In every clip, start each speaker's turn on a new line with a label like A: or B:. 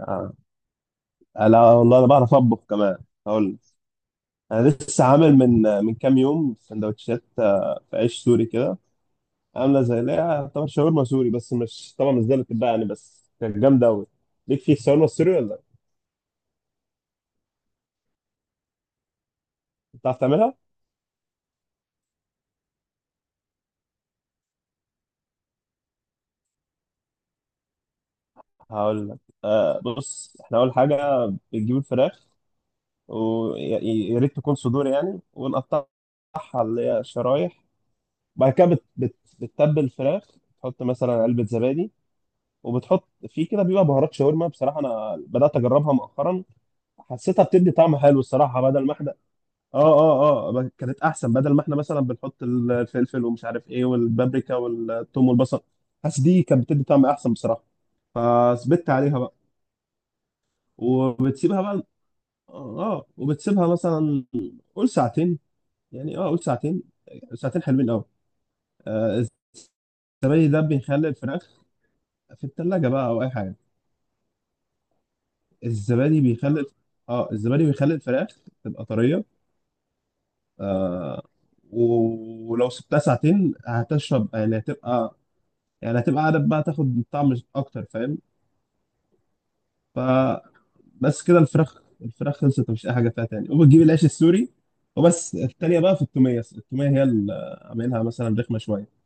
A: آه. لا والله انا بعرف اطبخ كمان، هقول لك. انا لسه عامل من كام يوم سندوتشات، في عيش سوري كده، عامله زي اللي هي طبعا شاورما سوري، بس مش طبعا مش زي اللي بتتباع يعني، بس كانت جامده قوي. ليك في الشاورما السوري ولا لأ؟ بتعرف تعملها؟ هقول لك. بص، احنا اول حاجه بنجيب الفراخ، ويا ريت تكون صدور يعني، ونقطعها اللي هي شرايح. بعد كده بتتبل الفراخ، تحط مثلا علبه زبادي، وبتحط فيه كده، بيبقى بهارات شاورما. بصراحه انا بدات اجربها مؤخرا، حسيتها بتدي طعم حلو الصراحه، بدل ما احنا اه كانت احسن. بدل ما احنا مثلا بنحط الفلفل ومش عارف ايه والبابريكا والثوم والبصل، حاسس دي كانت بتدي طعم احسن بصراحه، فثبت عليها بقى. وبتسيبها بقى، اه وبتسيبها مثلا قول ساعتين، يعني قول ساعتين، ساعتين حلوين قوي. آه، الزبادي ده بيخلي الفراخ في الثلاجه بقى او اي حاجه. الزبادي بيخلي، اه الزبادي بيخلي الفراخ تبقى طرية. آه، ولو سبتها ساعتين هتشرب يعني، هتبقى يعني هتبقى قاعدة بقى تاخد طعم أكتر، فاهم؟ فبس كده الفراخ، الفراخ خلصت مفيش أي حاجة فيها تاني، وبتجيب العيش السوري. وبس التانية بقى في التومية، التومية هي اللي عاملينها مثلا رخمة شوية.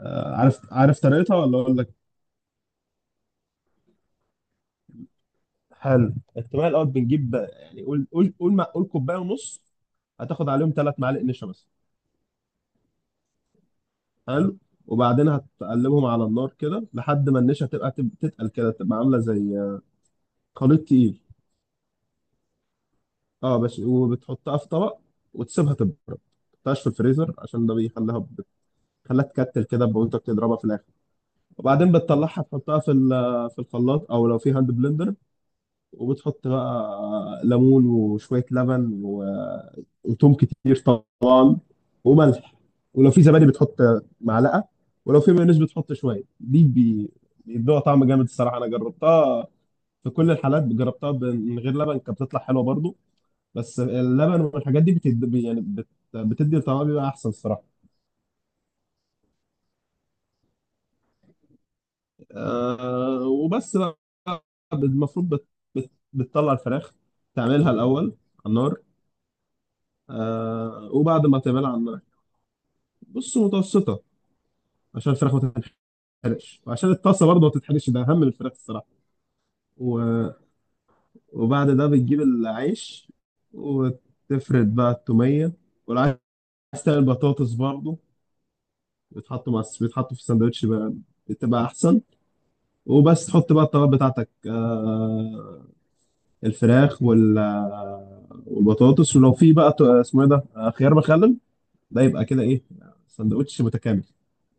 A: آه، عارف طريقتها ولا أقول لك؟ حلو. التومية الأول بنجيب يعني قول كوباية ونص، هتاخد عليهم ثلاث معالق نشا بس. حلو. وبعدين هتقلبهم على النار كده لحد ما النشا تبقى تتقل كده، تبقى عامله زي خليط تقيل. اه بس. وبتحطها في طبق وتسيبها تبرد، ما تحطهاش في الفريزر عشان ده بيخليها، بتخليها تكتل كده، وانت بتضربها في الاخر. وبعدين بتطلعها تحطها في في الخلاط، او لو في هاند بلندر، وبتحط بقى ليمون وشويه لبن وتوم كتير وملح، ولو في زبادي بتحط معلقه، ولو في مايونيز بتحط شويه. دي بيدوها طعم جامد الصراحه، انا جربتها في كل الحالات. جربتها من غير لبن كانت بتطلع حلوه برضو، بس اللبن والحاجات دي بتدي يعني، بتدي طعمها بيبقى احسن الصراحه. أه وبس بقى، المفروض بت- بتطلع الفراخ تعملها الاول على النار. أه وبعد ما تعملها على النار، بص، متوسطه، عشان الفراخ ما تتحرقش وعشان الطاسه برضه ما تتحرقش، ده اهم من الفراخ الصراحه. و... وبعد ده بتجيب العيش وتفرد بقى التومية والعيش، تعمل بطاطس برضه بيتحطوا مع، بيتحطوا في الساندوتش بقى، بتبقى أحسن. وبس تحط بقى الطلبات بتاعتك، آه، الفراخ وال، آه، والبطاطس، ولو في بقى اسمه ايه ده، آه، خيار مخلل، ده يبقى كده ايه، ساندوتش متكامل.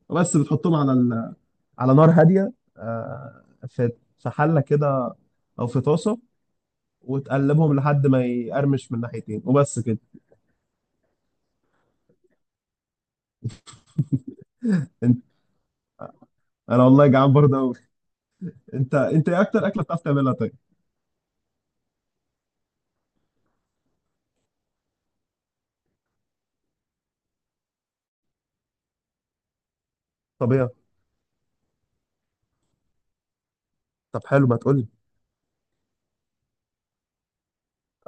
A: وبس بتحطهم على ال... على نار هادية، آه، في في حلة كده أو في طاسة، وتقلبهم لحد ما يقرمش من ناحيتين وبس كده. انا والله جعان برضه قوي. انت ايه اكتر اكله بتعرف تعملها طيب؟ طب ايه؟ طب حلو، ما تقول لي.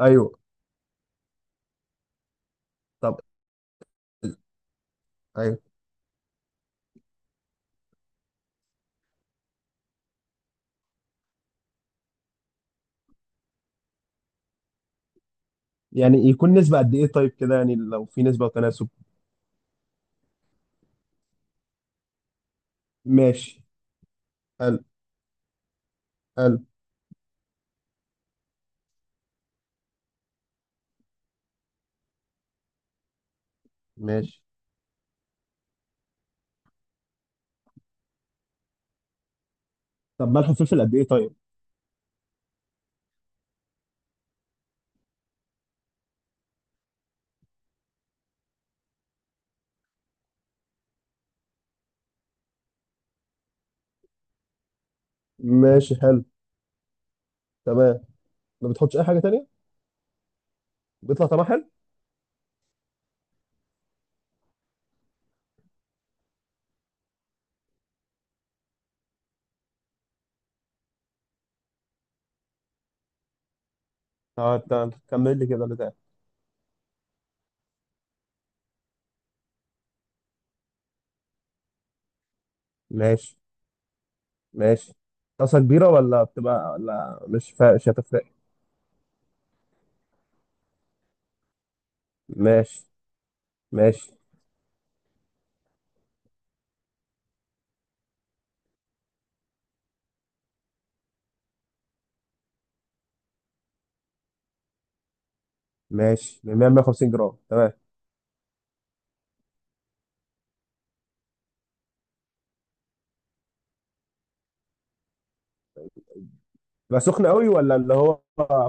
A: ايوه. طب ايوه. يعني يكون نسبه قد ايه طيب كده، يعني لو في نسبه وتناسب. ماشي. حلو. حلو. ماشي. طب ملح وفلفل قد ايه طيب؟ ماشي، حلو. تمام. ما بتحطش اي حاجه تانية؟ بيطلع طعمها حلو. اه انت كمل لي كده اللي تاني. ماشي. ماشي. طاسه كبيره ولا بتبقى، ولا مش فا... مش هتفرق؟ ماشي. ماشي. ماشي. 150 جرام، تمام. بقى سخنة قوي، ولا اللي هو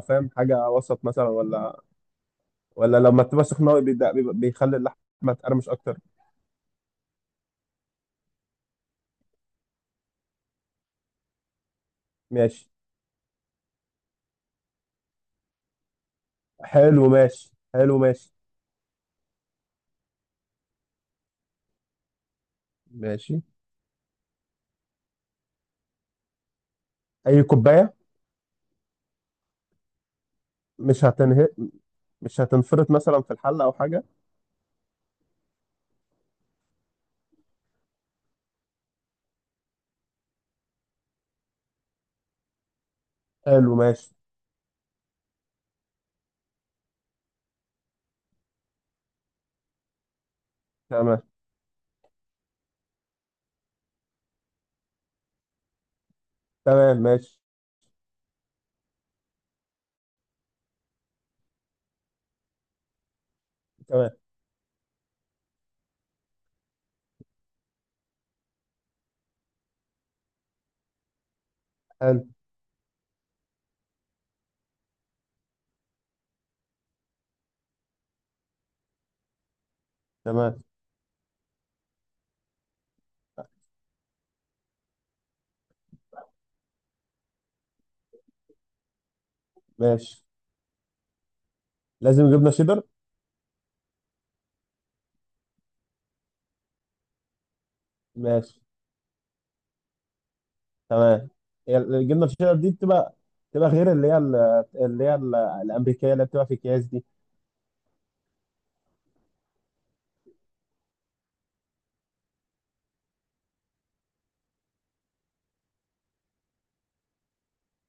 A: فاهم حاجة وسط مثلا، ولا ولا لما تبقى سخنة قوي بيخلي اللحمة تقرمش أكتر؟ ماشي. حلو ماشي. حلو ماشي. ماشي. أي كوباية؟ مش هتنهي، مش هتنفرط مثلا في الحلة أو حاجة؟ حلو ماشي. تمام. تمام ماشي. تمام. حلو. تمام. ماشي. لازم جبنة شيدر؟ ماشي. تمام. هي الجبنة الشيدر دي بتبقى، بتبقى غير اللي هي اللي هي الأمريكية اللي بتبقى في أكياس دي؟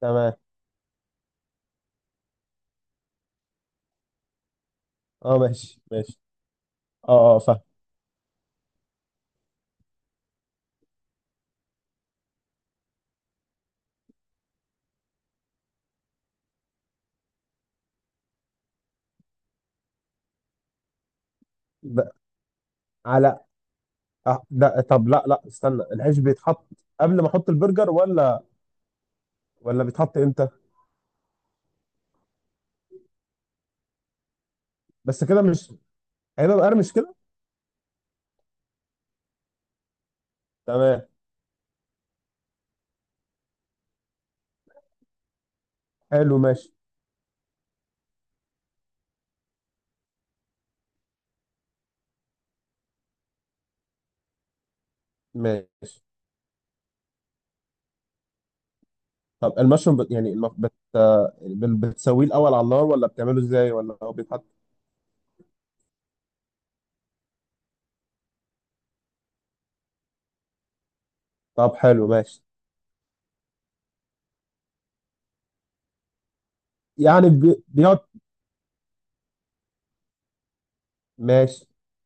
A: تمام. اه ماشي ماشي. اه اه فاهم. ب- على، آه، ده طب لا لا، استنى، العيش بيتحط قبل ما احط البرجر، ولا ولا بيتحط امتى؟ بس كده مش هيبقى مقرمش كده؟ تمام، حلو ماشي. ماشي. طب المشروم بت... يعني الم... بت... آه، بتسويه الاول على النار، ولا بتعمله ازاي، ولا هو بيتحط؟ طب حلو ماشي. يعني بي... بيقعد. ماشي.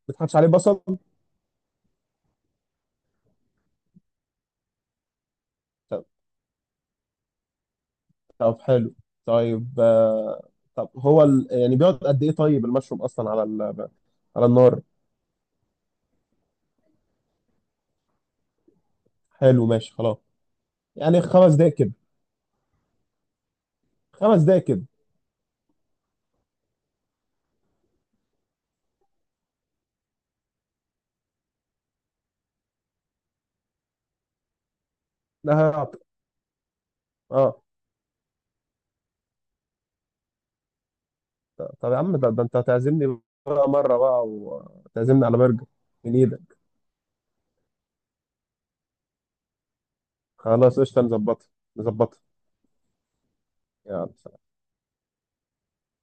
A: ما بتحطش عليه بصل؟ طب، طب حلو. طيب، آه، طب هو ال... يعني بيقعد قد ايه طيب المشروم اصلا على ال... على النار؟ حلو ماشي خلاص. يعني خمس دقايق كده؟ خمس دقايق كده. ده هيعطل. اه طب يا عم، ده، ده انت هتعزمني بقى مرة بقى وتعزمني على برجر؟ من ايدك. خلاص قشطة، نظبطها، نظبطها. يلا.